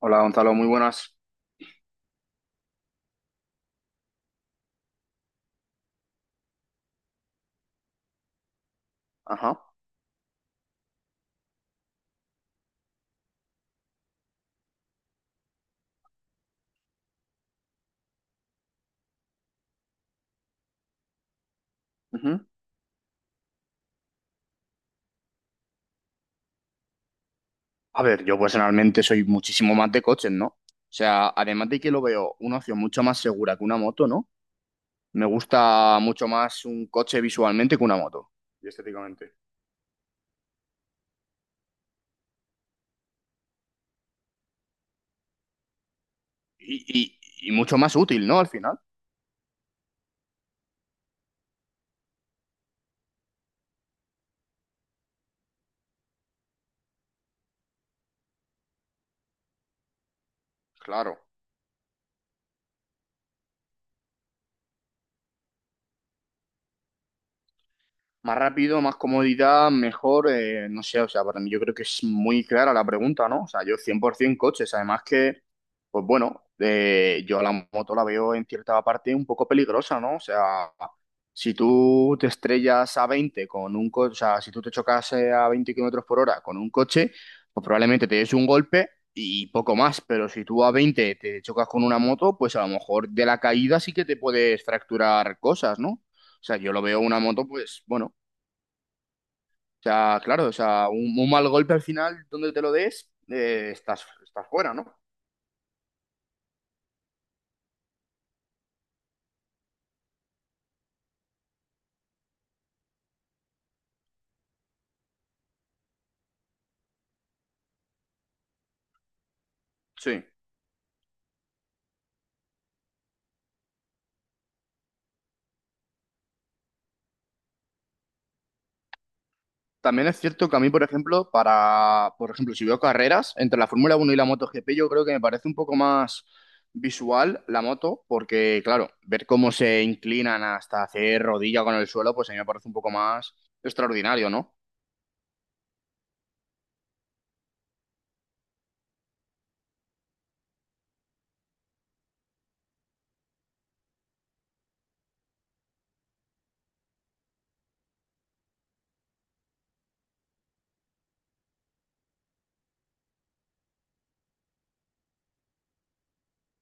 Hola Gonzalo, muy buenas. Ajá. Ujú. A ver, yo personalmente soy muchísimo más de coches, ¿no? O sea, además de que lo veo una opción mucho más segura que una moto, ¿no? Me gusta mucho más un coche visualmente que una moto. Y estéticamente. Y, y mucho más útil, ¿no? Al final. Claro. Más rápido, más comodidad, mejor, no sé, o sea, para mí yo creo que es muy clara la pregunta, ¿no? O sea, yo 100% coches, además que, pues bueno, yo la moto la veo en cierta parte un poco peligrosa, ¿no? O sea, si tú te estrellas a 20 con un coche, o sea, si tú te chocas a 20 km/h con un coche, pues probablemente te des un golpe y poco más, pero si tú a 20 te chocas con una moto, pues a lo mejor de la caída sí que te puedes fracturar cosas, ¿no? O sea, yo lo veo una moto, pues, bueno, o sea, claro, o sea, un mal golpe al final, donde te lo des, estás fuera, ¿no? Sí. También es cierto que a mí, por ejemplo, por ejemplo, si veo carreras entre la Fórmula Uno y la MotoGP, yo creo que me parece un poco más visual la moto, porque, claro, ver cómo se inclinan hasta hacer rodilla con el suelo, pues a mí me parece un poco más extraordinario, ¿no?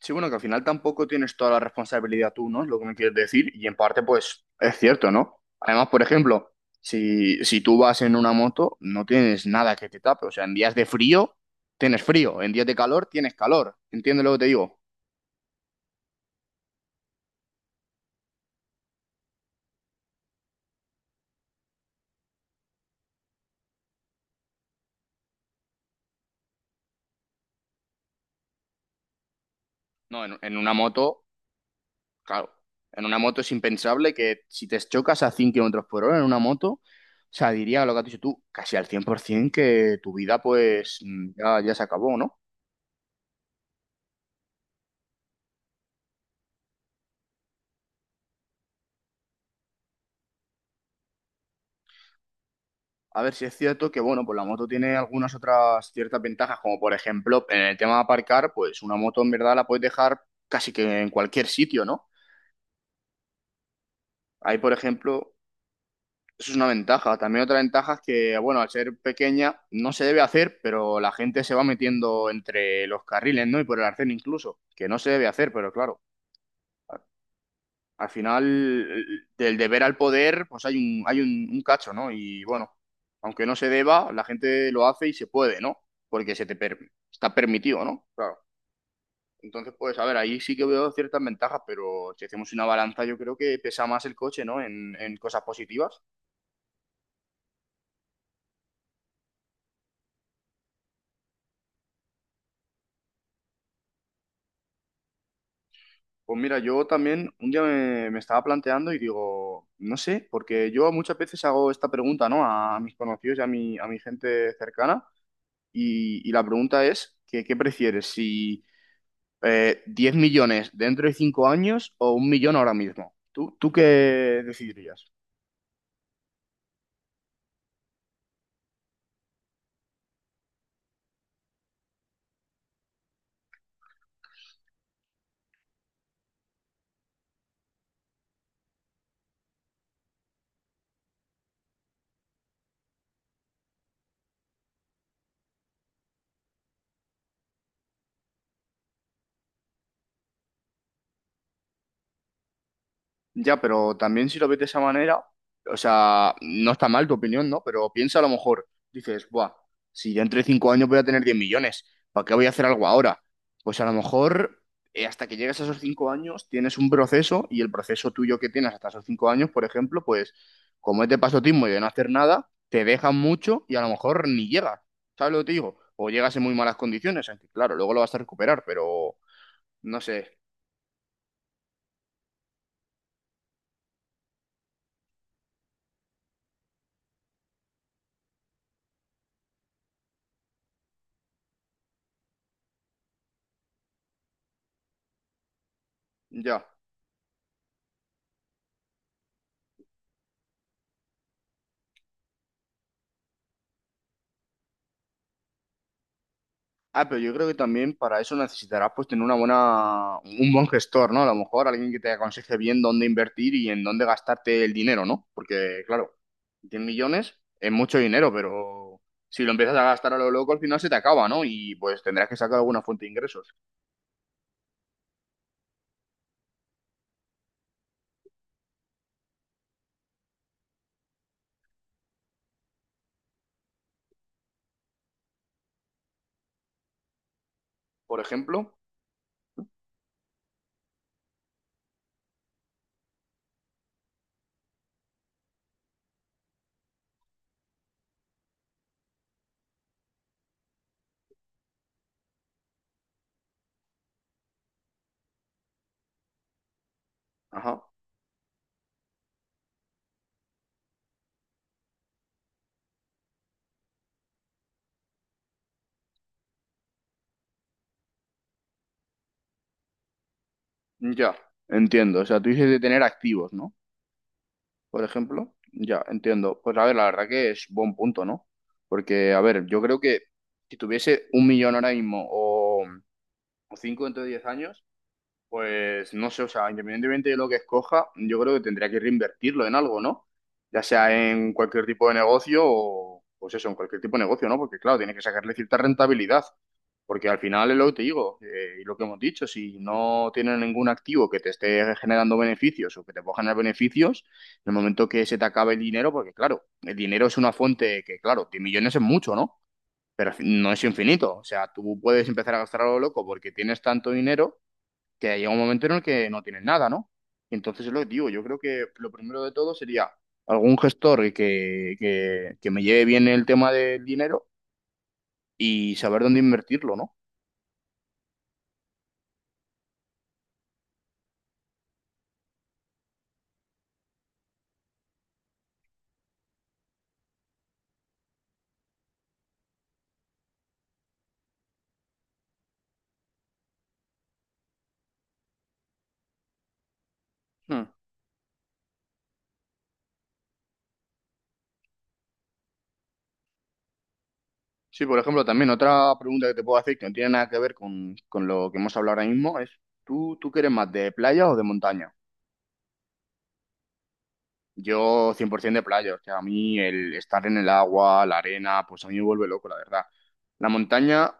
Sí, bueno, que al final tampoco tienes toda la responsabilidad tú, ¿no? Es lo que me quieres decir. Y en parte, pues, es cierto, ¿no? Además, por ejemplo, si, si tú vas en una moto, no tienes nada que te tape. O sea, en días de frío, tienes frío. En días de calor, tienes calor. ¿Entiendes lo que te digo? No, en una moto, claro. En una moto es impensable que si te chocas a 5 km/h en una moto, o sea, diría lo que has dicho tú, casi al 100% que tu vida, pues, ya, ya se acabó, ¿no? A ver si es cierto que, bueno, pues la moto tiene algunas otras ciertas ventajas, como por ejemplo, en el tema de aparcar, pues una moto en verdad la puedes dejar casi que en cualquier sitio, ¿no? Ahí, por ejemplo, eso es una ventaja. También otra ventaja es que, bueno, al ser pequeña no se debe hacer, pero la gente se va metiendo entre los carriles, ¿no? Y por el arcén incluso, que no se debe hacer, pero claro. Al final, del deber al poder, pues hay un cacho, ¿no? Y bueno, aunque no se deba, la gente lo hace y se puede, ¿no? Porque está permitido, ¿no? Claro. Entonces, pues, a ver, ahí sí que veo ciertas ventajas, pero si hacemos una balanza, yo creo que pesa más el coche, ¿no? En cosas positivas. Pues mira, yo también un día me estaba planteando y digo, no sé, porque yo muchas veces hago esta pregunta, ¿no? A mis conocidos y a a mi gente cercana. Y la pregunta es, ¿qué prefieres? Si ¿10 millones dentro de 5 años o un millón ahora mismo? ¿Tú qué decidirías? Ya, pero también si lo ves de esa manera, o sea, no está mal tu opinión, ¿no? Pero piensa a lo mejor, dices, buah, si ya entre 5 años voy a tener 10 millones, ¿para qué voy a hacer algo ahora? Pues a lo mejor hasta que llegues a esos 5 años tienes un proceso y el proceso tuyo que tienes hasta esos 5 años, por ejemplo, pues como es de pasotismo y de no hacer nada, te dejan mucho y a lo mejor ni llegas, ¿sabes lo que te digo? O llegas en muy malas condiciones, aunque claro, luego lo vas a recuperar, pero no sé, ya. Ah, pero yo creo que también para eso necesitarás pues tener un buen gestor, ¿no? A lo mejor alguien que te aconseje bien dónde invertir y en dónde gastarte el dinero, ¿no? Porque, claro, 100 millones es mucho dinero, pero si lo empiezas a gastar a lo loco, al final se te acaba, ¿no? Y pues tendrás que sacar alguna fuente de ingresos. Por ejemplo, ajá, ya, entiendo. O sea, tú dices de tener activos, ¿no? Por ejemplo, ya, entiendo. Pues a ver, la verdad que es buen punto, ¿no? Porque, a ver, yo creo que si tuviese un millón ahora mismo o cinco dentro de 10 años, pues no sé, o sea, independientemente de lo que escoja, yo creo que tendría que reinvertirlo en algo, ¿no? Ya sea en cualquier tipo de negocio o, pues eso, en cualquier tipo de negocio, ¿no? Porque claro, tiene que sacarle cierta rentabilidad, porque al final es lo que te digo, y lo que hemos dicho, si no tienes ningún activo que te esté generando beneficios o que te pueda generar beneficios, en el momento que se te acabe el dinero, porque claro, el dinero es una fuente que, claro, 10 millones es mucho, ¿no? Pero no es infinito. O sea, tú puedes empezar a gastar a lo loco porque tienes tanto dinero que llega un momento en el que no tienes nada, ¿no? Entonces es lo que digo, yo creo que lo primero de todo sería algún gestor que me lleve bien el tema del dinero y saber dónde invertirlo, ¿no? Hmm. Sí, por ejemplo, también otra pregunta que te puedo hacer que no tiene nada que ver con lo que hemos hablado ahora mismo es, ¿tú quieres más de playa o de montaña? Yo 100% de playa, o sea, a mí el estar en el agua, la arena, pues a mí me vuelve loco, la verdad. La montaña,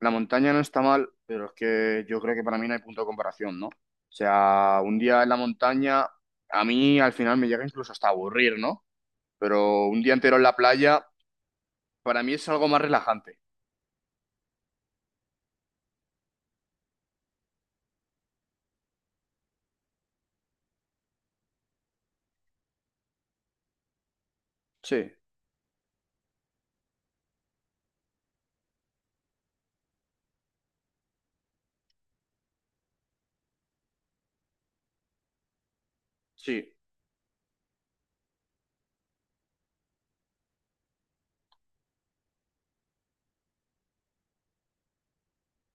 la montaña no está mal, pero es que yo creo que para mí no hay punto de comparación, ¿no? O sea, un día en la montaña, a mí al final me llega incluso hasta a aburrir, ¿no? Pero un día entero en la playa, para mí es algo más relajante. Sí. Sí.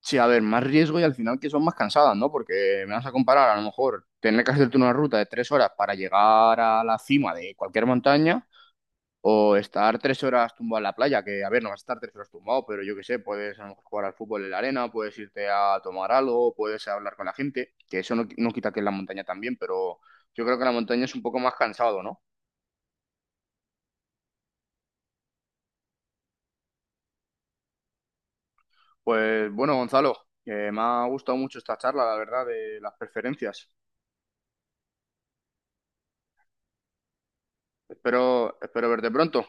Sí, a ver, más riesgo y al final que son más cansadas, ¿no? Porque me vas a comparar, a lo mejor, tener que hacerte una ruta de 3 horas para llegar a la cima de cualquier montaña. O estar 3 horas tumbado en la playa, que a ver, no vas a estar 3 horas tumbado, pero yo qué sé, puedes a lo mejor jugar al fútbol en la arena, puedes irte a tomar algo, puedes hablar con la gente, que eso no, no quita que en la montaña también, pero yo creo que en la montaña es un poco más cansado, ¿no? Pues bueno, Gonzalo, que me ha gustado mucho esta charla, la verdad, de las preferencias. Espero, espero verte pronto.